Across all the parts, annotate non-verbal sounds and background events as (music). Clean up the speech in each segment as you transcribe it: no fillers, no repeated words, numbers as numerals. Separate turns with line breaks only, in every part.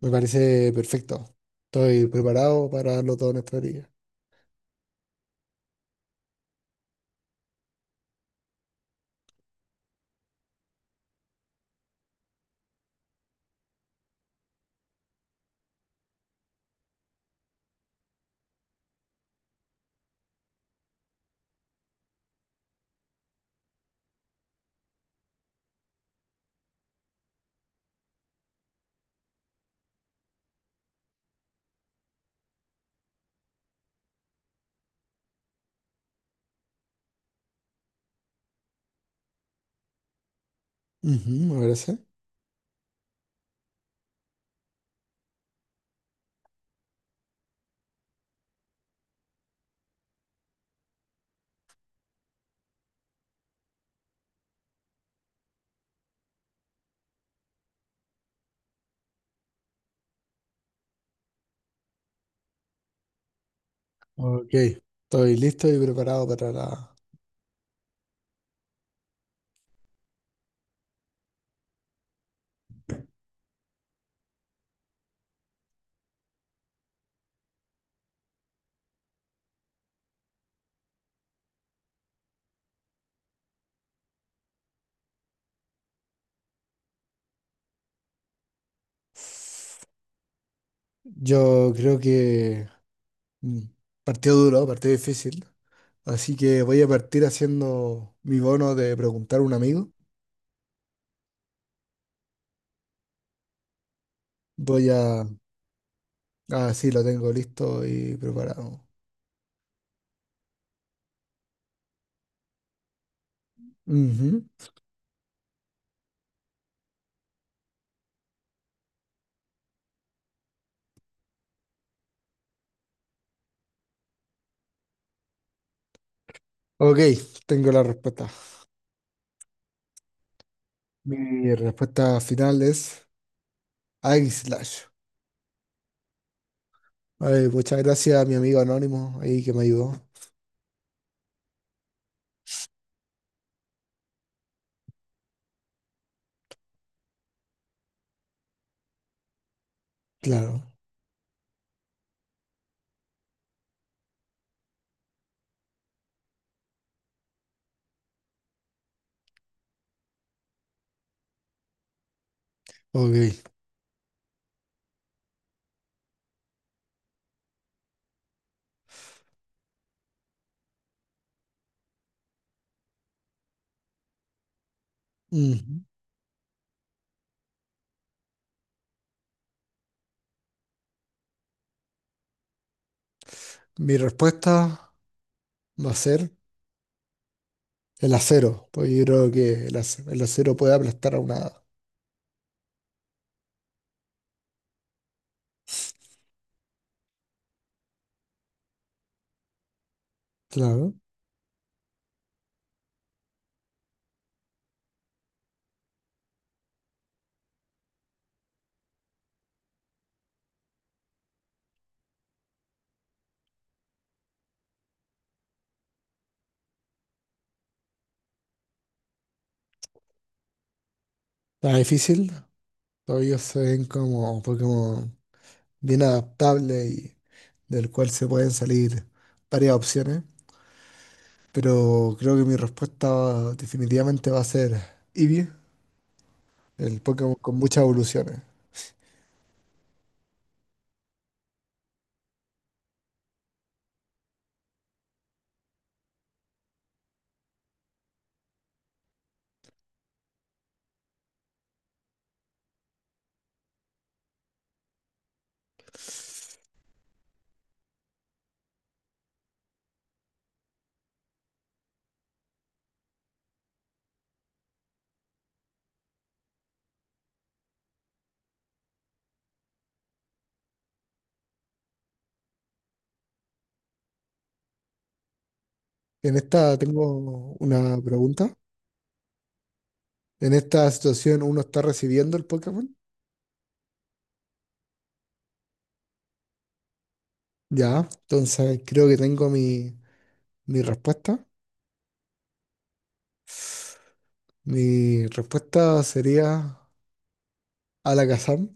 Me parece perfecto. Estoy preparado para darlo todo en esta liga. Ujú, me parece. Ok. Estoy listo y preparado para la— Yo creo que mm, partido duro, partido difícil. Así que voy a partir haciendo mi bono de preguntar a un amigo. Voy a— Ah, sí, lo tengo listo y preparado. Ujú. Ok, tengo la respuesta. Mi respuesta final es Slash. Ay, muchas gracias a mi amigo anónimo ahí que me ayudó. Claro, ok. Ujú. Mi respuesta va a ser el acero, pues yo creo que el acero puede aplastar a una hada. Claro. Está difícil, todavía ellos se ven como Pokémon bien adaptable y del cual se pueden salir varias opciones, pero creo que mi respuesta definitivamente va a ser Eevee, el Pokémon con muchas evoluciones. En esta tengo una pregunta. En esta situación uno está recibiendo el Pokémon. Ya, entonces creo que tengo mi respuesta. Mi respuesta sería Alakazam.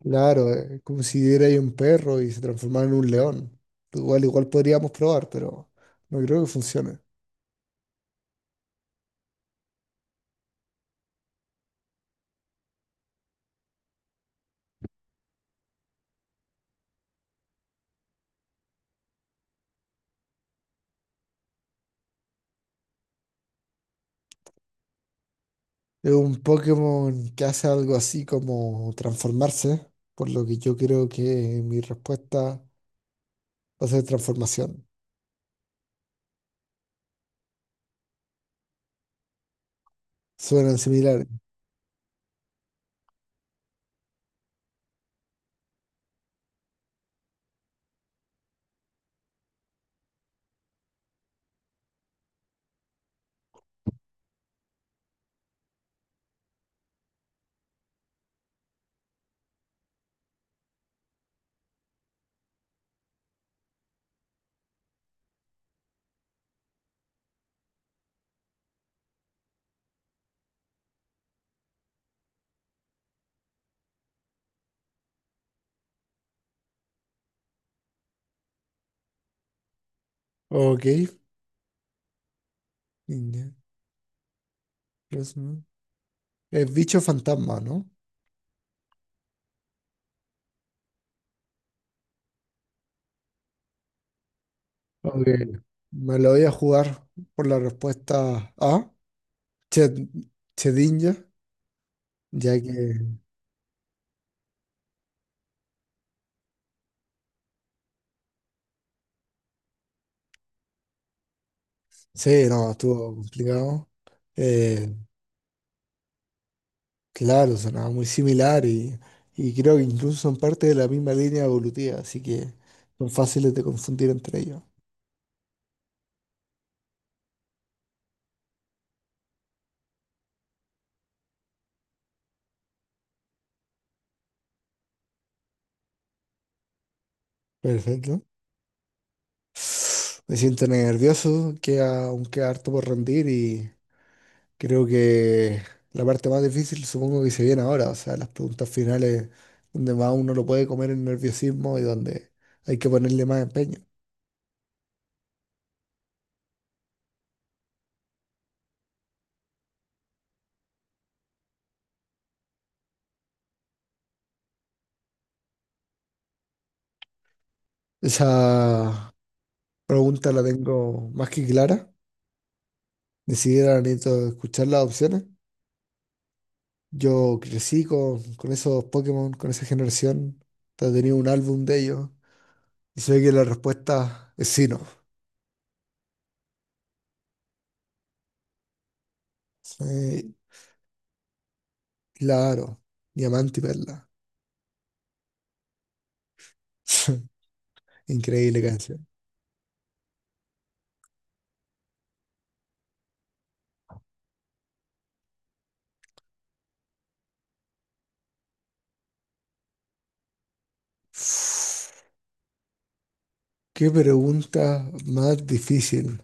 Claro, como si era ahí un perro y se transformara en un león. Igual, igual podríamos probar, pero no creo que funcione. Es un Pokémon que hace algo así como transformarse, por lo que yo creo que mi respuesta va a ser transformación. Suenan similares. Ok. Niña, los- Es bicho fantasma, ¿no? Ok, me lo voy a jugar por la respuesta A, Ched- Chedinja, ya que sí, no, estuvo complicado. Eh, claro, sonaba muy similar y creo que incluso son parte de la misma línea evolutiva, así que son fáciles de confundir entre ellos. Perfecto. Me siento nervioso, queda harto por rendir. Y creo que la parte más difícil supongo que se viene ahora, o sea, las preguntas finales donde más uno lo puede comer el nerviosismo y donde hay que ponerle más empeño. Esa pregunta la tengo más que clara, ni siquiera necesito escuchar las opciones. Yo crecí con esos Pokémon, con esa generación, hasta tenía un álbum de ellos y sé que la respuesta es sí, no. Sí, claro, Diamante y Perla. (laughs) Increíble canción. Qué pregunta más difícil.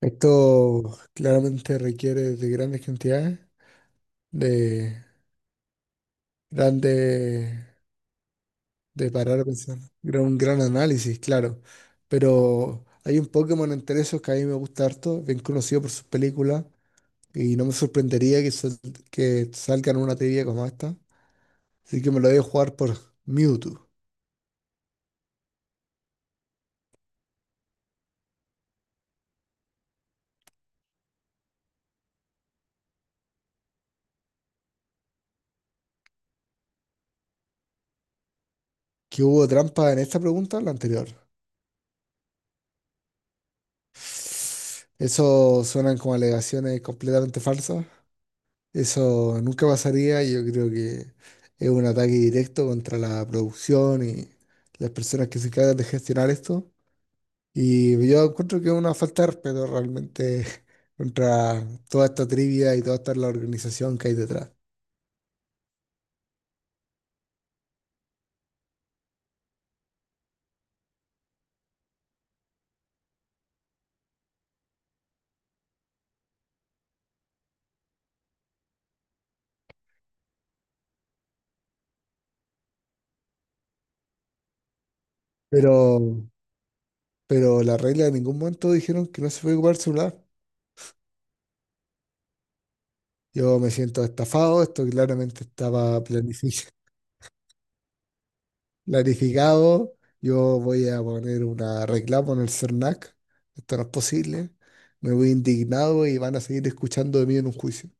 Esto claramente requiere de grandes cantidades, de grandes, de parar a pensar, un gran análisis, claro. Pero hay un Pokémon entre esos que a mí me gusta harto, bien conocido por sus películas, y no me sorprendería que salgan una teoría como esta. Así que me lo voy a jugar por Mewtwo. ¿Que hubo trampa en esta pregunta o la anterior? Eso suenan como alegaciones completamente falsas. Eso nunca pasaría. Yo creo que es un ataque directo contra la producción y las personas que se encargan de gestionar esto. Y yo encuentro que es una falta de respeto realmente (laughs) contra toda esta trivia y toda esta la organización que hay detrás. Pero, pero la regla en ningún momento dijeron que no se puede ocupar el celular. Yo me siento estafado, esto claramente estaba planificado. Planificado, yo voy a poner una reclamo en el CERNAC. Esto no es posible. Me voy indignado y van a seguir escuchando de mí en un juicio.